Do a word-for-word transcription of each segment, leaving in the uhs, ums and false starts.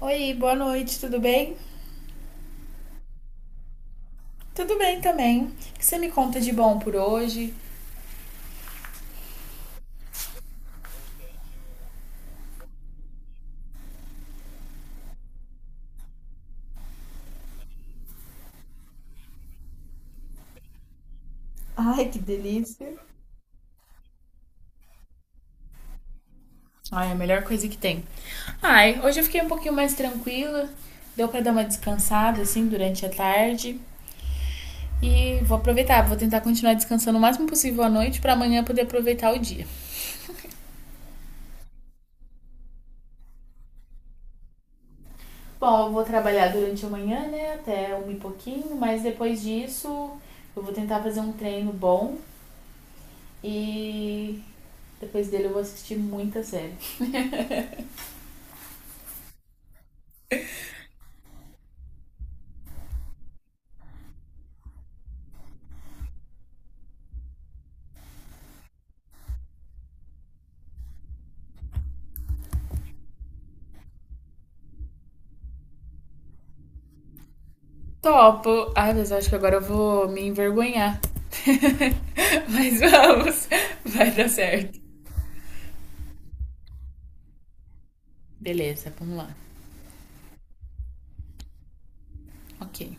Oi, boa noite, tudo bem? Tudo bem também. O que você me conta de bom por hoje? Ai, que delícia. Ai, a melhor coisa que tem. Ai, hoje eu fiquei um pouquinho mais tranquila. Deu pra dar uma descansada assim durante a tarde e vou aproveitar, vou tentar continuar descansando o máximo possível à noite pra amanhã poder aproveitar o dia. Bom, eu vou trabalhar durante a manhã, né, até um e pouquinho, mas depois disso eu vou tentar fazer um treino bom e depois dele eu vou assistir muita série. Topo. Ai, mas eu acho que agora eu vou me envergonhar. Mas vamos, vai dar certo. Beleza, vamos lá. Ok.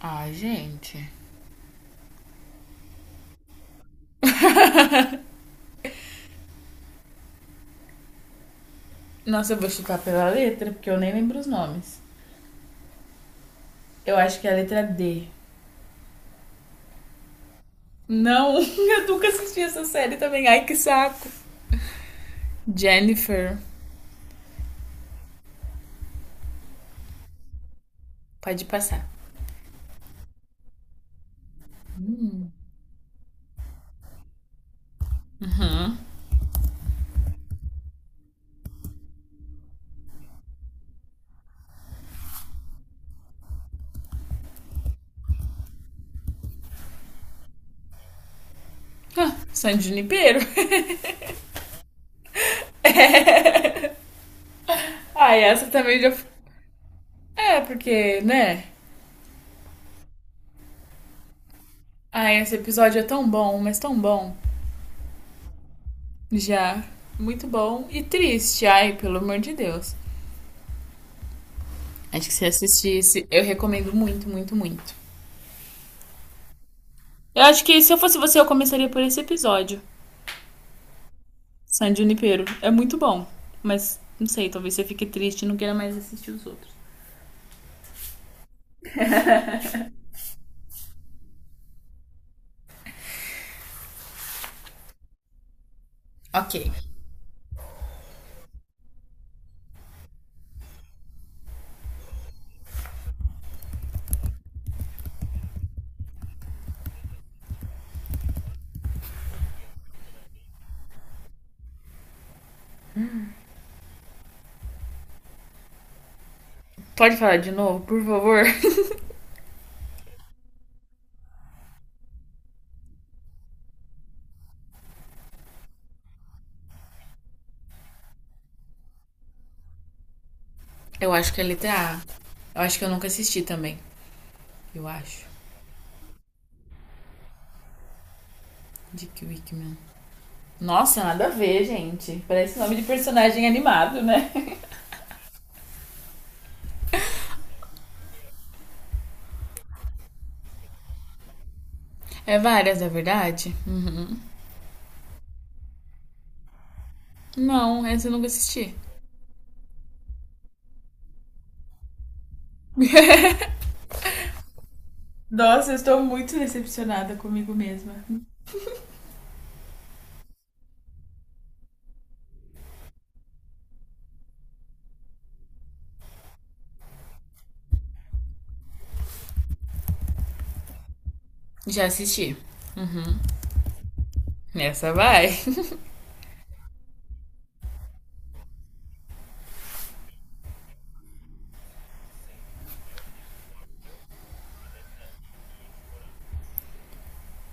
Ai, gente. Nossa, eu vou chutar pela letra, porque eu nem lembro os nomes. Eu acho que é a letra D. Não, eu nunca assisti essa série também. Ai, que saco. Jennifer. Pode passar. Hum, San Junipero. Ai, essa também já. É, porque, né? Ai, esse episódio é tão bom, mas tão bom. Já. Muito bom e triste, ai, pelo amor de Deus. Acho que se assistisse, eu recomendo muito, muito, muito. Eu acho que se eu fosse você, eu começaria por esse episódio. San Junipero. É muito bom. Mas, não sei, talvez você fique triste e não queira mais assistir os outros. Ok. Pode falar de novo, por favor? Eu acho que é letra A. Eu acho que eu nunca assisti também. Eu acho. Dick Wickman. Nossa, nada a ver, gente. Parece nome de personagem animado, né? É várias, é verdade? Não, essa eu nunca assisti. Nossa, eu estou muito decepcionada comigo mesma. Já assisti. Essa vai.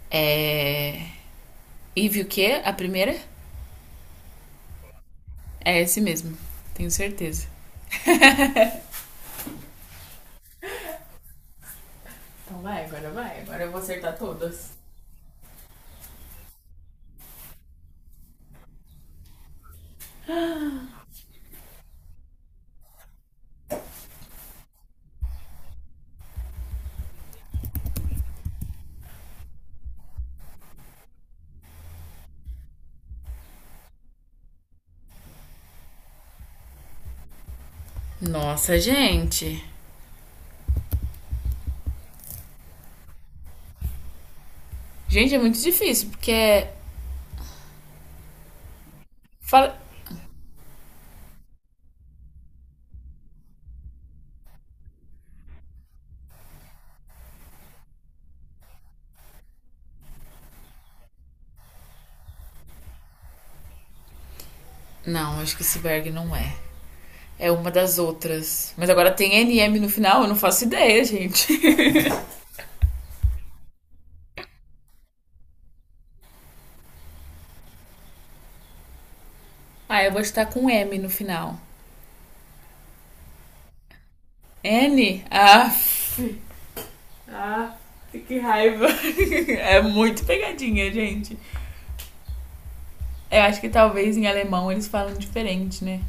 É. Eve o quê? A primeira? É esse mesmo. Tenho certeza. Então vai, agora vai. Agora eu vou acertar todas. Nossa, gente. Gente, é muito difícil, porque é. Fala... Não, acho que esse Berg não é. É uma das outras. Mas agora tem N M no final, eu não faço ideia, gente. Ah, eu vou estar com M no final. N? Ah, ah, que raiva. É muito pegadinha, gente. Eu acho que talvez em alemão eles falam diferente, né?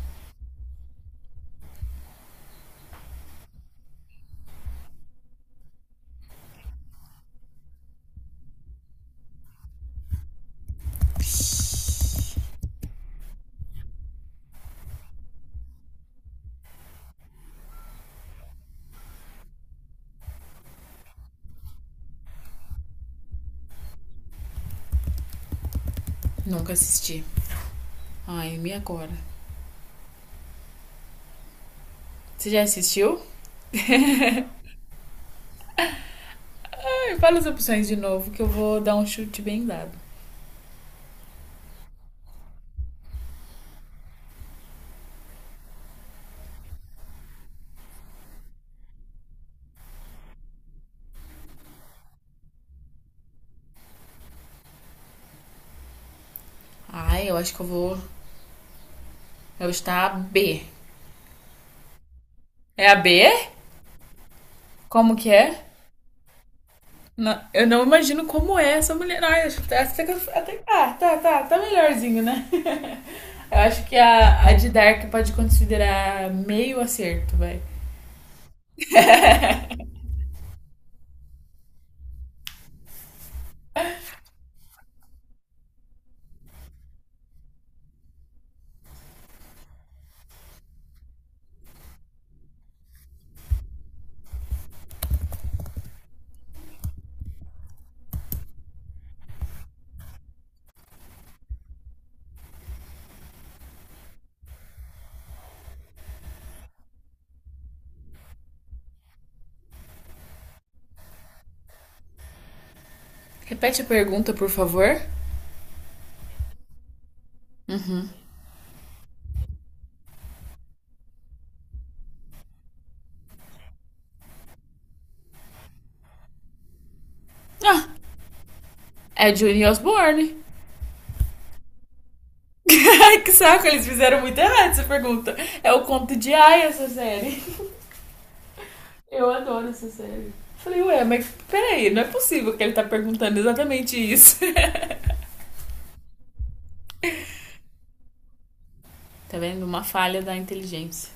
Nunca assisti. Ai, me agora. Você já assistiu? Fala as opções de novo que eu vou dar um chute bem dado. Ai, eu acho que eu vou. Eu estar a B. É a B? Como que é? Não, eu não imagino como é essa mulher. Ai, acho que essa que eu- Até. Ah, tá, tá. Tá melhorzinho, né? Eu acho que a, a de Dark pode considerar meio acerto, vai. Repete a pergunta, por favor. Ah, é Johnny Osborne. Que saco, eles fizeram muito errado essa pergunta. É o conto de Ai essa série. Eu adoro essa série. Falei, ué, mas peraí, não é possível que ele tá perguntando exatamente isso. Tá vendo? Uma falha da inteligência.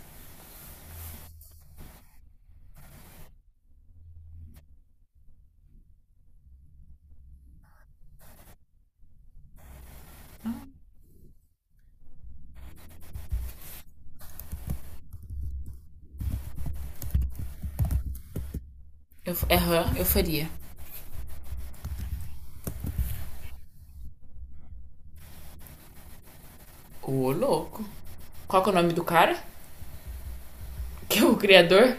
Eu, f- aham, eu faria. Ô, louco. Qual que é o nome do cara? Que é o criador?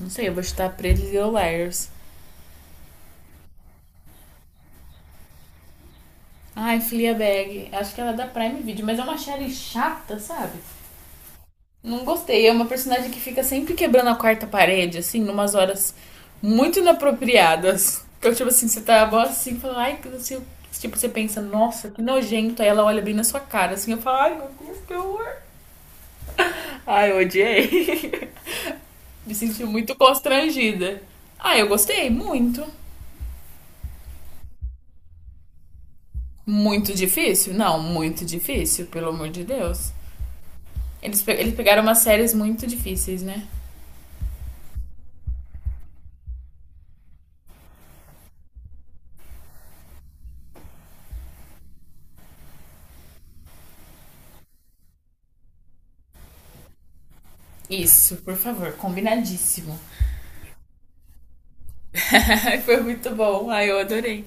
Não sei, eu vou chutar Pretty Little Liars. Ai, Fleabag. Acho que ela é da Prime Video, mas é uma série chata, sabe? Não gostei. É uma personagem que fica sempre quebrando a quarta parede, assim, numas horas muito inapropriadas. Então, tipo assim, você tá mó assim, fala, ai, que não sei o que. Tipo, você pensa, nossa, que nojento. Aí ela olha bem na sua cara, assim, eu falo, ai, meu Deus, que horror. Ai, eu odiei. Me senti muito constrangida. Ah, eu gostei, muito. Muito difícil? Não, muito difícil, pelo amor de Deus. Eles, pe- eles pegaram umas séries muito difíceis, né? Isso, por favor, combinadíssimo. Ai, foi muito bom. Ai, eu adorei.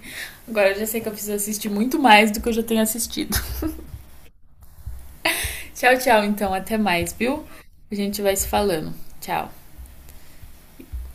Agora eu já sei que eu preciso assistir muito mais do que eu já tenho assistido. Tchau, tchau, então. Até mais, viu? A gente vai se falando. Tchau.